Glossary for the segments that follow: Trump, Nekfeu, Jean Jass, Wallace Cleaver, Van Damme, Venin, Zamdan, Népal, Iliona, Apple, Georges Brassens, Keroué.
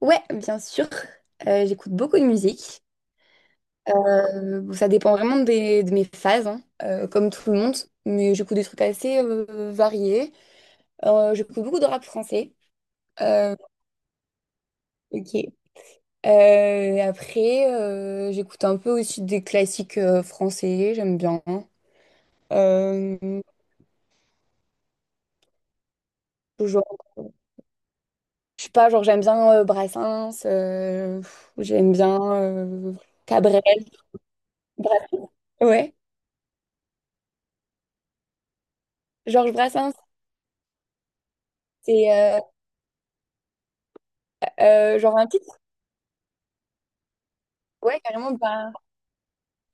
Ouais, bien sûr. J'écoute beaucoup de musique. Bon, ça dépend vraiment de mes phases, hein, comme tout le monde. Mais j'écoute des trucs assez variés. J'écoute beaucoup de rap français. Euh, ok. Après, j'écoute un peu aussi des classiques français. J'aime bien. Euh, genre, je sais pas, genre j'aime bien Brassens. J'aime bien Cabrel. Bra- ouais. Georges Brassens. C'est Genre un petit. Ouais, carrément, bah,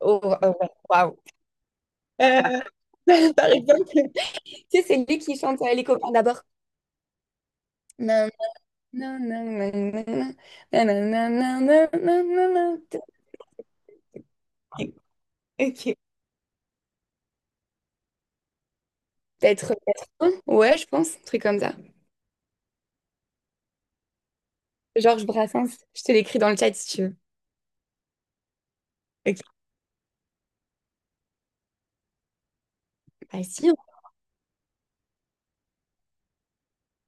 oh, oh, ouais, waouh. Euh, Par exemple, tu sais, c'est lui qui chante Les copains d'abord. Nan, nan, nan, nan, nan, nan, nan, nan, nan, nan, nan, nan. Ok. Peut-être, peut-être un. Ouais, je pense, un truc comme ça. Georges Brassens, je te l'écris dans le chat si tu veux. Ok. Ah si, hein.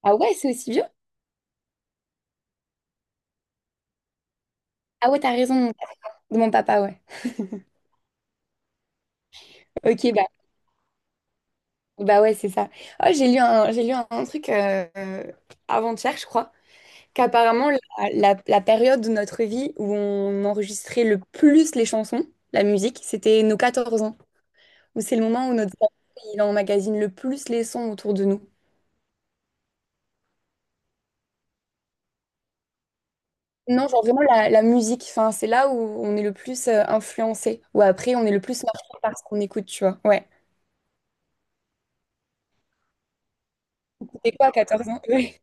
Ah ouais, c'est aussi vieux? Ah ouais, t'as raison, de mon papa, ouais. Ok, bah, bah ouais, c'est ça. Oh, j'ai lu un truc avant-hier, je crois. Qu'apparemment, la période de notre vie où on enregistrait le plus les chansons, la musique, c'était nos 14 ans, où c'est le moment où notre cerveau, il emmagasine le plus les sons autour de nous. Non, genre vraiment la musique, enfin, c'est là où on est le plus influencé, ou après on est le plus marqué par ce qu'on écoute, tu vois. Ouais. C'était quoi, à 14 ans? Ouais.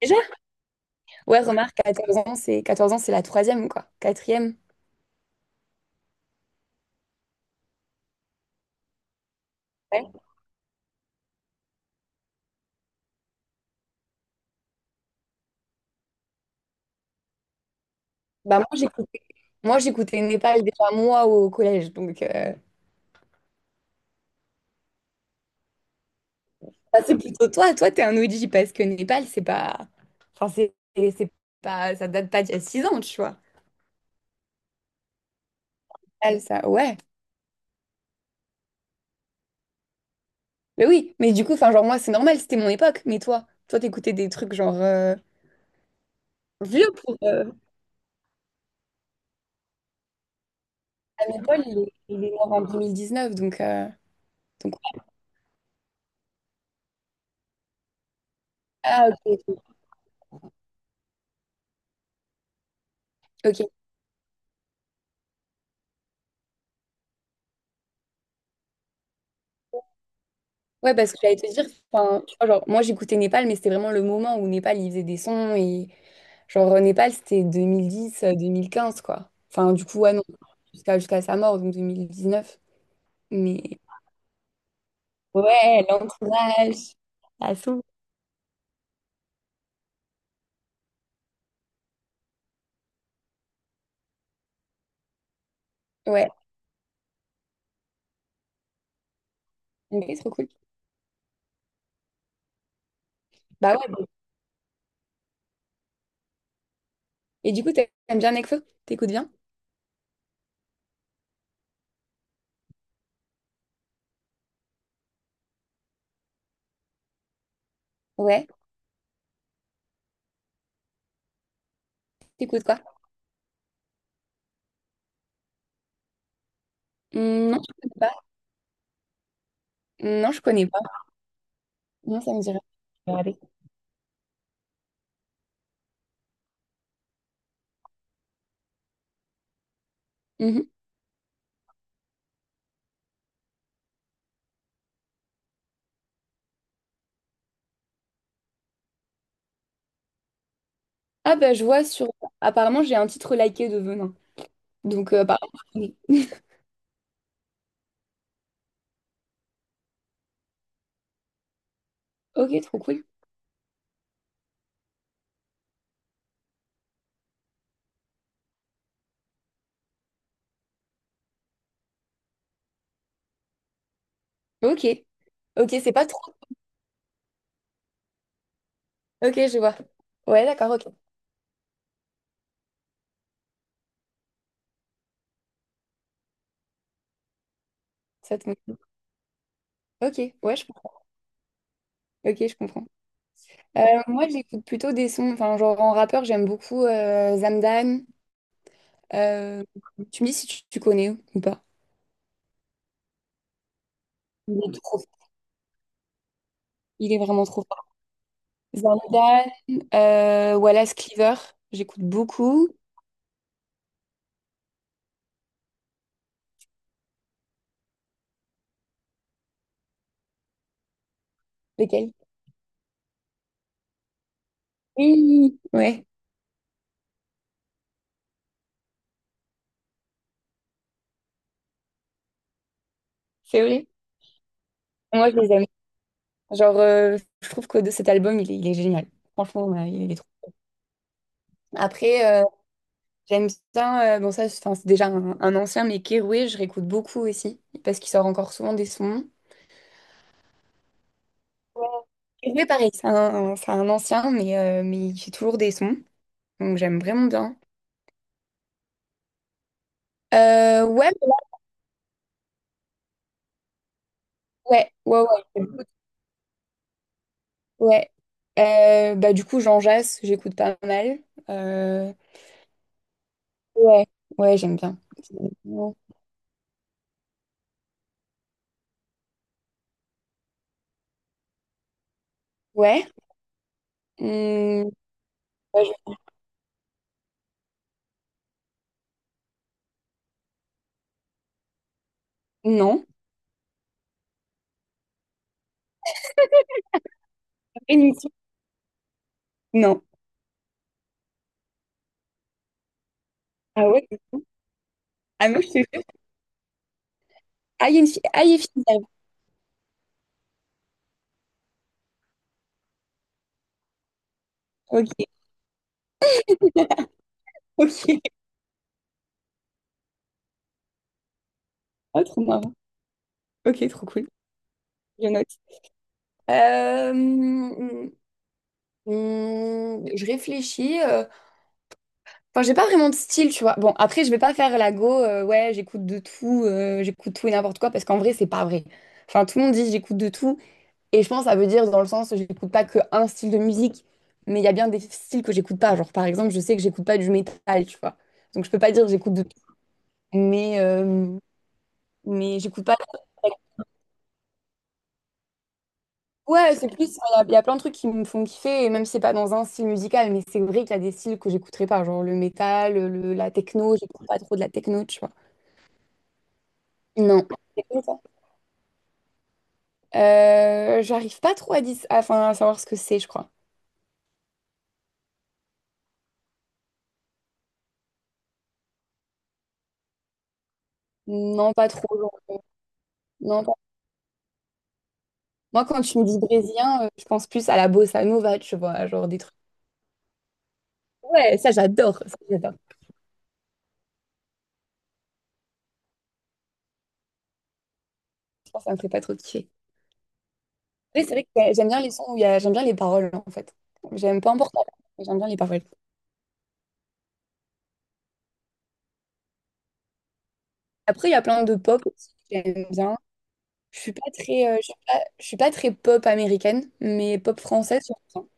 Déjà? Ouais, remarque, 14 ans, c'est la troisième, quoi. Quatrième. Ouais. Bah moi j'écoutais Népal déjà moi au collège, donc. Bah, c'est plutôt toi, toi t'es un OG parce que Népal c'est pas, enfin c'est pas, ça date pas d'il y a 6 ans, tu vois. Népal, ça, ouais. Mais oui, mais du coup, enfin genre moi c'est normal, c'était mon époque, mais toi t'écoutais des trucs genre vieux pour à Népal, il est mort en 2019, donc ah, ok, ok. Ok. Ouais, parce que j'allais te dire, enfin tu vois genre moi j'écoutais Népal, mais c'était vraiment le moment où Népal il faisait des sons et Népal c'était 2010, 2015 quoi. Enfin du coup ouais non jusqu'à sa mort donc 2019. Mais ouais, l'entourage. À son. Ouais, mais c'est trop cool. Bah ouais, bon. Et du coup, t'aimes bien Nekfeu? T'écoutes bien? Ouais. T'écoutes quoi? Hmm, non, je connais pas. Mmh, non, je connais pas. Non, ça me dirait. Regardez. Mhm. Ah bah je vois sur... Apparemment, j'ai un titre liké de Venin. Donc, apparemment, je connais. Ok, trop cool. Ok. Ok, c'est pas trop. Ok, je vois. Ouais, d'accord, ok. Ça te motive. Ok, ouais, je comprends. Ok, je comprends. Euh, Moi, j'écoute plutôt des sons. Enfin, genre en rappeur, j'aime beaucoup Zamdan. Euh, Tu me dis si tu connais ou pas. Il est trop fort. Il est vraiment trop fort. Van Damme, Wallace Cleaver, j'écoute beaucoup. Lesquels? Oui, ouais, c'est vrai. Moi, je les aime. Genre, euh, je trouve que de cet album, il est génial. Franchement, ouais, il est trop. Après, j'aime bien, c'est déjà un ancien, mais Keroué, je réécoute beaucoup aussi, parce qu'il sort encore souvent des sons. Ouais. Keroué, pareil, c'est un ancien, mais il fait toujours des sons. Donc, j'aime vraiment bien. Euh, ouais, ouais, ouais, j'écoute, ouais. Du coup, Jean Jass, j'écoute pas mal. Euh, ouais, ouais, j'aime bien. Ouais, hum, ouais, je... Non. Après, une fille... Non. Ah ouais? Ah non, je te jure. Ah, il y a une fille. Ah, il y a une fille derrière. Ok, ok. Oh, trop marrant. Ok, trop cool. Je note. Euh, hum, je réfléchis. Enfin, j'ai pas vraiment de style, tu vois. Bon, après, je vais pas faire la go, ouais, j'écoute de tout, j'écoute tout et n'importe quoi, parce qu'en vrai, c'est pas vrai. Enfin, tout le monde dit j'écoute de tout, et je pense que ça veut dire dans le sens, j'écoute pas que un style de musique, mais il y a bien des styles que j'écoute pas. Genre, par exemple, je sais que j'écoute pas du métal, tu vois. Donc, je peux pas dire j'écoute de tout, mais, euh, mais j'écoute pas. Ouais, c'est plus, il y a plein de trucs qui me font kiffer, et même si c'est pas dans un style musical, mais c'est vrai qu'il y a des styles que j'écouterai pas, genre le métal, la techno, j'écoute pas trop de la techno, tu vois. Non. J'arrive pas trop à, enfin, à savoir ce que c'est, je crois. Non, pas trop, genre. Non, pas... Moi, quand tu me dis brésilien, je pense plus à la bossa nova, tu vois, genre des trucs. Ouais, ça j'adore, ça j'adore. Je pense que ça me fait pas trop kiffer. Mais c'est vrai que j'aime bien les sons où il y a... j'aime bien les paroles, en fait. J'aime pas importe, la langue, mais j'aime bien les paroles. Après, il y a plein de pop aussi que j'aime bien. Je suis pas très, je suis pas très pop américaine, mais pop française, j'aime bien.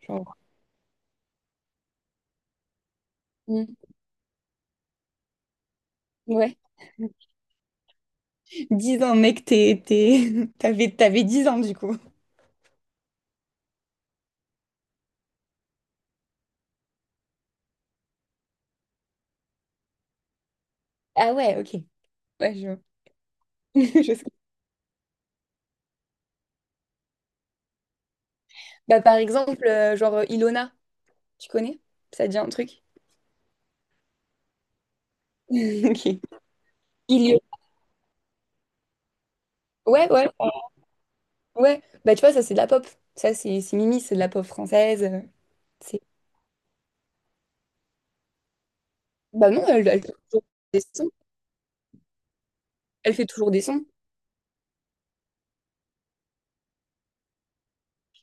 Genre, mm, ouais. Dix ans, mec, t'es... T'avais 10 ans, du coup. Ah ouais, ok. Ouais, je vois. Je sais. Bah, par exemple, Ilona, tu connais? Ça te dit un truc? Ok. Il... Ouais, ouais, ouais. Bah, tu vois, ça, c'est de la pop. Ça, c'est Mimi, c'est de la pop française. C'est... Bah, non, elle fait toujours des sons. Elle fait toujours des sons.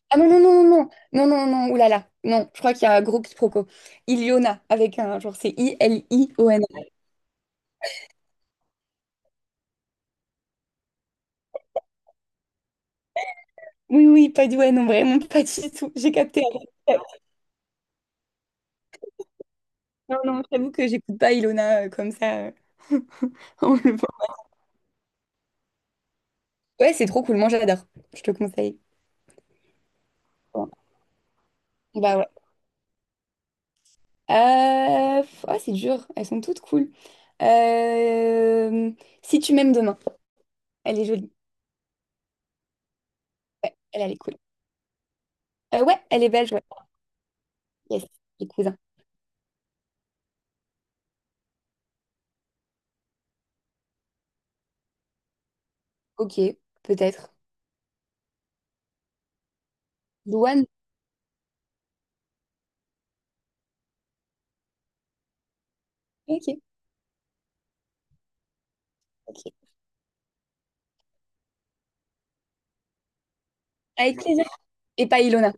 Ah non, non, non, non, non, non, non, non, oulala. Non, je crois qu'il y a un gros quiproquo. Iliona, avec un genre, c'est I-L-I-O-N. Oui, oui, pas du... Ouais, non, vraiment, pas du tout. J'ai capté. Non, non, j'avoue que j'écoute pas Ilona comme ça, en le voit. Ouais, c'est trop cool. Moi, j'adore. Je te conseille. Ouais. Bah ouais. C'est dur. Elles sont toutes cool. Euh, Si tu m'aimes demain. Elle est jolie. Ouais, elle est cool. Ouais, elle est belge. Ouais. Yes, les cousins. Ok, peut-être. Douane. Ok, ok. Avec plaisir. Et pas Ilona.